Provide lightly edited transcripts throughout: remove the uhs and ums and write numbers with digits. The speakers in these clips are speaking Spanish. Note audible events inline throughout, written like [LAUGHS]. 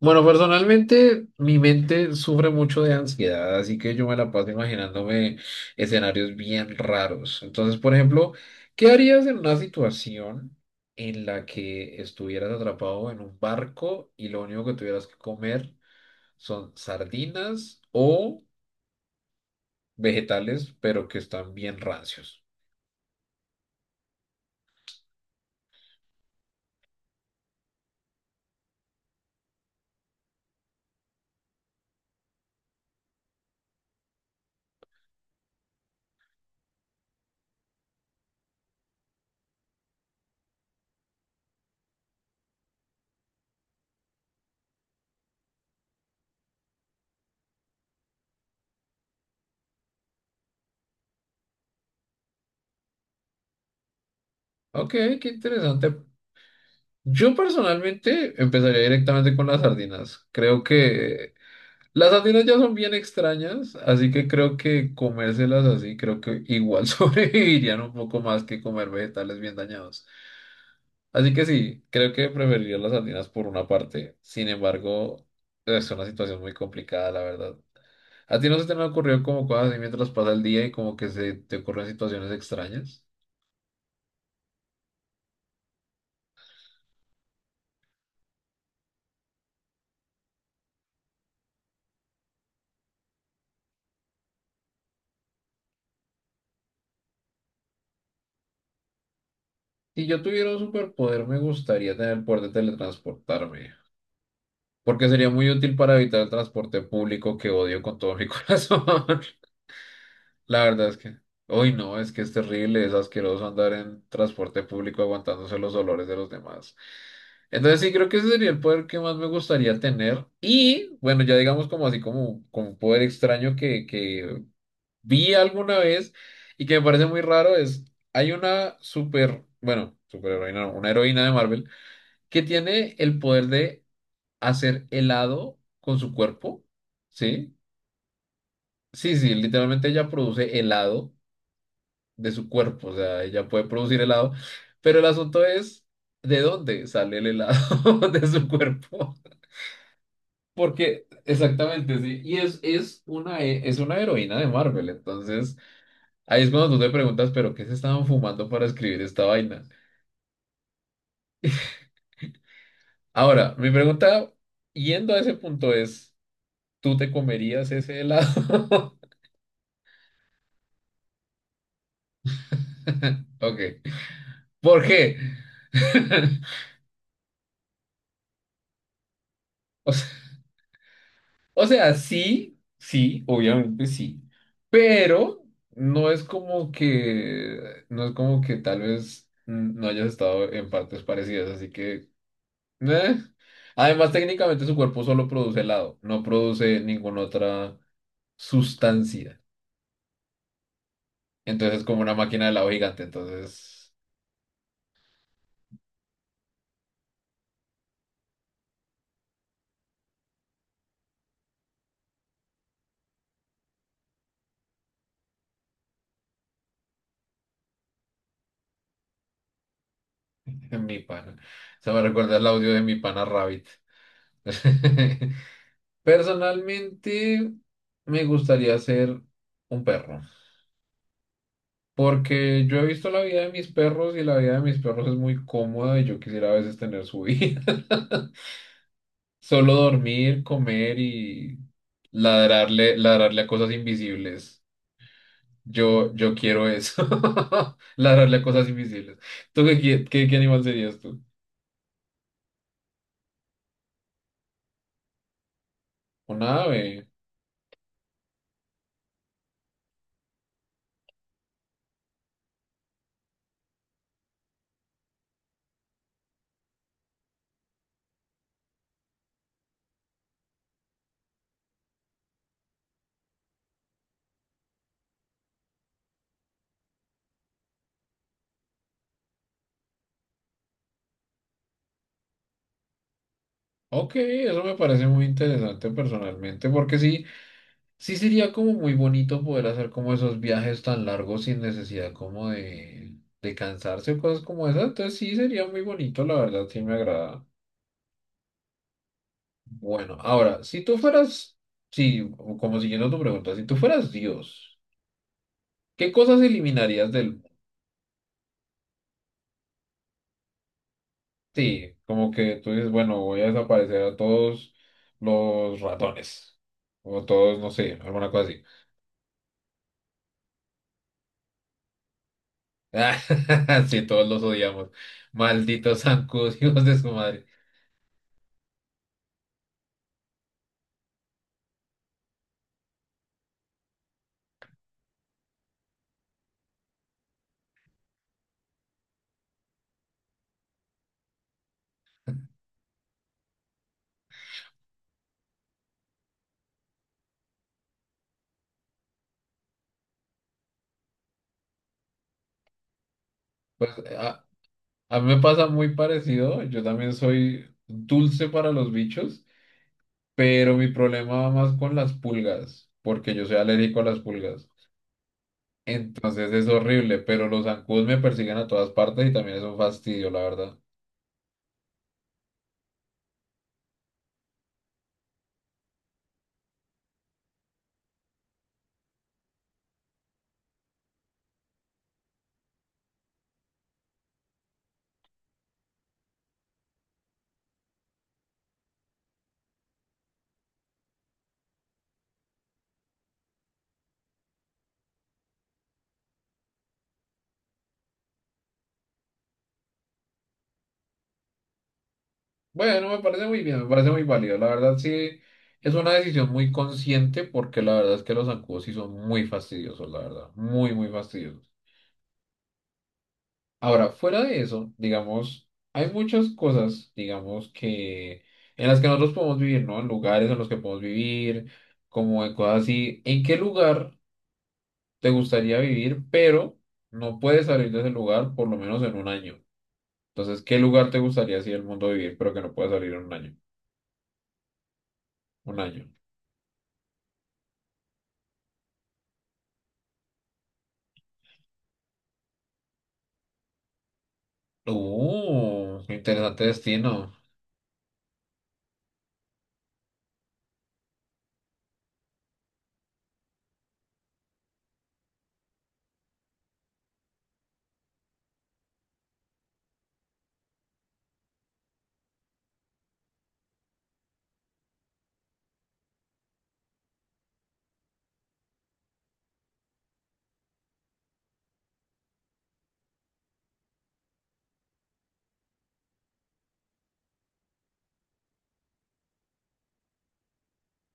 Bueno, personalmente mi mente sufre mucho de ansiedad, así que yo me la paso imaginándome escenarios bien raros. Entonces, por ejemplo, ¿qué harías en una situación en la que estuvieras atrapado en un barco y lo único que tuvieras que comer son sardinas o vegetales, pero que están bien rancios? Ok, qué interesante. Yo personalmente empezaría directamente con las sardinas. Creo que las sardinas ya son bien extrañas, así que creo que comérselas así, creo que igual [LAUGHS] sobrevivirían un poco más que comer vegetales bien dañados. Así que sí, creo que preferiría las sardinas por una parte. Sin embargo, es una situación muy complicada, la verdad. ¿A ti no se te han ocurrido como cosas así mientras pasa el día y como que se te ocurren situaciones extrañas? Si yo tuviera un superpoder, me gustaría tener el poder de teletransportarme, porque sería muy útil para evitar el transporte público que odio con todo mi [LAUGHS] corazón. La verdad es que, uy, no, es que es terrible, es asqueroso andar en transporte público aguantándose los dolores de los demás. Entonces sí, creo que ese sería el poder que más me gustaría tener. Y bueno, ya digamos como así como, como un poder extraño que vi alguna vez y que me parece muy raro es, hay una super, bueno, superheroína, no, una heroína de Marvel que tiene el poder de hacer helado con su cuerpo, ¿sí? Sí, sí, literalmente ella produce helado de su cuerpo, o sea, ella puede producir helado, pero el asunto es de dónde sale el helado [LAUGHS] de su cuerpo. Porque, exactamente, sí, y es una, es una heroína de Marvel, entonces ahí es cuando tú te preguntas, pero ¿qué se estaban fumando para escribir esta vaina? Ahora, mi pregunta, yendo a ese punto es, ¿tú te comerías ese helado? [LAUGHS] Ok, ¿por qué? [LAUGHS] O sea, o sea, sí, sí, obviamente sí, pero no es como que, no es como que tal vez no hayas estado en partes parecidas, así que, eh. Además, técnicamente su cuerpo solo produce helado, no produce ninguna otra sustancia. Entonces es como una máquina de helado gigante, entonces, [LAUGHS] mi pana. Se me recuerda el audio de mi pana Rabbit. [LAUGHS] Personalmente, me gustaría ser un perro, porque yo he visto la vida de mis perros y la vida de mis perros es muy cómoda y yo quisiera a veces tener su vida. [LAUGHS] Solo dormir, comer y ladrarle a cosas invisibles. Yo quiero eso. [LAUGHS] Ladrarle a cosas invisibles. ¿Tú qué, qué, qué animal serías tú? Un ave. Ok, eso me parece muy interesante personalmente, porque sí. Sí sería como muy bonito poder hacer como esos viajes tan largos sin necesidad como de cansarse o cosas como esas. Entonces sí sería muy bonito, la verdad, sí me agrada. Bueno, ahora, si tú fueras, sí, como siguiendo tu pregunta, si tú fueras Dios, ¿qué cosas eliminarías del mundo? Sí, como que tú dices, bueno, voy a desaparecer a todos los ratones. O todos, no sé, alguna cosa así. [LAUGHS] Ah, sí, todos los odiamos. Malditos [LAUGHS] zancudos, hijos de su madre. Pues, a- a mí me pasa muy parecido, yo también soy dulce para los bichos, pero mi problema va más con las pulgas, porque yo soy alérgico a las pulgas. Entonces es horrible, pero los zancudos me persiguen a todas partes y también es un fastidio, la verdad. Bueno, me parece muy bien, me parece muy válido. La verdad sí, es una decisión muy consciente porque la verdad es que los zancudos sí son muy fastidiosos, la verdad, muy, muy fastidiosos. Ahora, fuera de eso, digamos, hay muchas cosas, digamos, que en las que nosotros podemos vivir, ¿no? En lugares en los que podemos vivir, como en cosas así. ¿En qué lugar te gustaría vivir, pero no puedes salir de ese lugar por lo menos en un año? Entonces, ¿qué lugar te gustaría así el mundo vivir, pero que no puedes salir en un año? Un año. Interesante destino.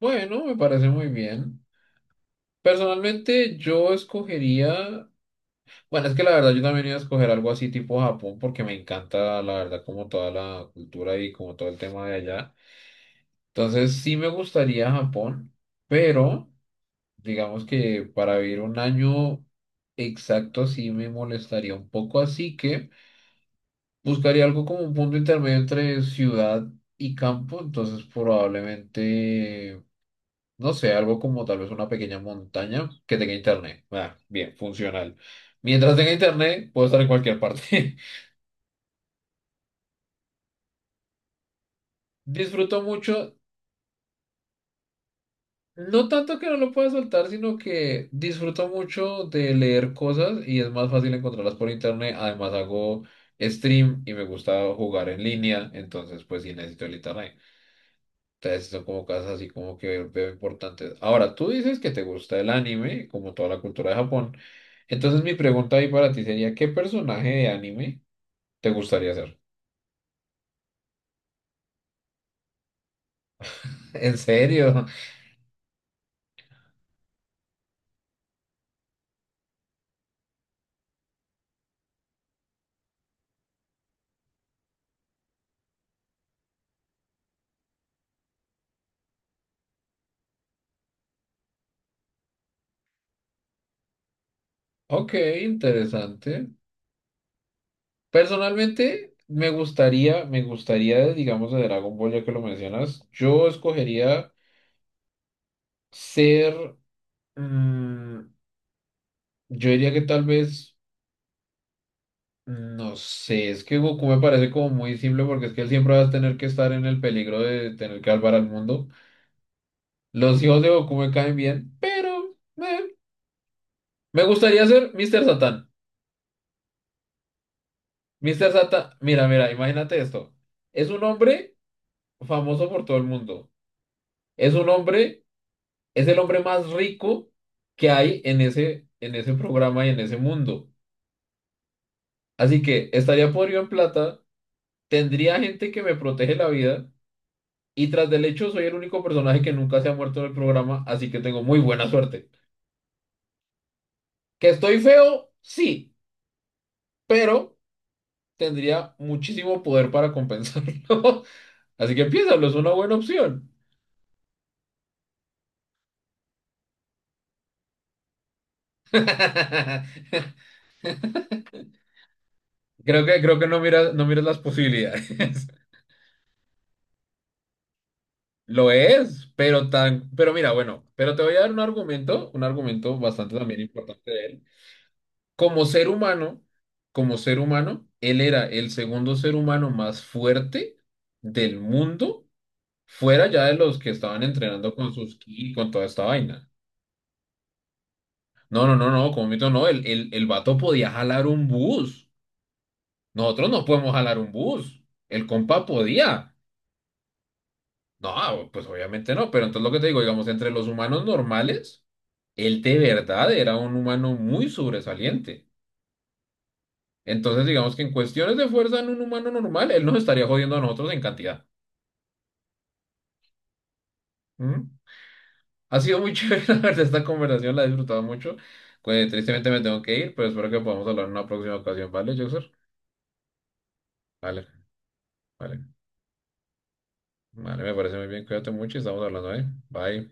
Bueno, me parece muy bien. Personalmente, yo escogería, bueno, es que la verdad yo también iba a escoger algo así tipo Japón porque me encanta la verdad como toda la cultura y como todo el tema de allá. Entonces sí me gustaría Japón, pero digamos que para vivir un año exacto sí me molestaría un poco, así que buscaría algo como un punto intermedio entre ciudad y campo, entonces probablemente, no sé, algo como tal vez una pequeña montaña que tenga internet. Ah, bien, funcional. Mientras tenga internet, puedo estar en cualquier parte. [LAUGHS] Disfruto mucho, no tanto que no lo pueda soltar, sino que disfruto mucho de leer cosas y es más fácil encontrarlas por internet. Además hago stream y me gusta jugar en línea, entonces pues sí necesito el internet. Entonces son como cosas así como que veo importantes. Ahora, tú dices que te gusta el anime, como toda la cultura de Japón. Entonces mi pregunta ahí para ti sería, ¿qué personaje de anime te gustaría ser? [LAUGHS] ¿En serio? Ok, interesante. Personalmente, me gustaría, digamos, de Dragon Ball, ya que lo mencionas, yo escogería ser, mm, yo diría que tal vez, no sé, es que Goku me parece como muy simple porque es que él siempre va a tener que estar en el peligro de tener que salvar al mundo. Los hijos de Goku me caen bien, pero me gustaría ser Mr. Satan. Mr. Satan, mira, mira, imagínate esto. Es un hombre famoso por todo el mundo. Es un hombre, es el hombre más rico que hay en ese programa y en ese mundo. Así que estaría podrido en plata, tendría gente que me protege la vida y tras del hecho soy el único personaje que nunca se ha muerto en el programa, así que tengo muy buena suerte. ¿Que estoy feo? Sí, pero tendría muchísimo poder para compensarlo. [LAUGHS] Así que piénsalo, es una buena opción. [LAUGHS] Creo que no miras, no miras las posibilidades. [LAUGHS] Lo es, pero tan, pero mira, bueno, pero te voy a dar un argumento bastante también importante de él. Como ser humano, como ser humano, él era el segundo ser humano más fuerte del mundo, fuera ya de los que estaban entrenando con sus ki, con toda esta vaina. No, como mito no, el vato podía jalar un bus. Nosotros no podemos jalar un bus. El compa podía. No, pues obviamente no, pero entonces lo que te digo, digamos, entre los humanos normales, él de verdad era un humano muy sobresaliente. Entonces, digamos que en cuestiones de fuerza en un humano normal, él nos estaría jodiendo a nosotros en cantidad. ¿Mm? Ha sido muy [LAUGHS] chévere, la verdad, esta conversación, la he disfrutado mucho. Pues, tristemente me tengo que ir, pero espero que podamos hablar en una próxima ocasión, ¿vale, Joxer? Vale, vale. Vale, me parece muy bien, cuídate mucho y estamos hablando, ¿eh? Bye.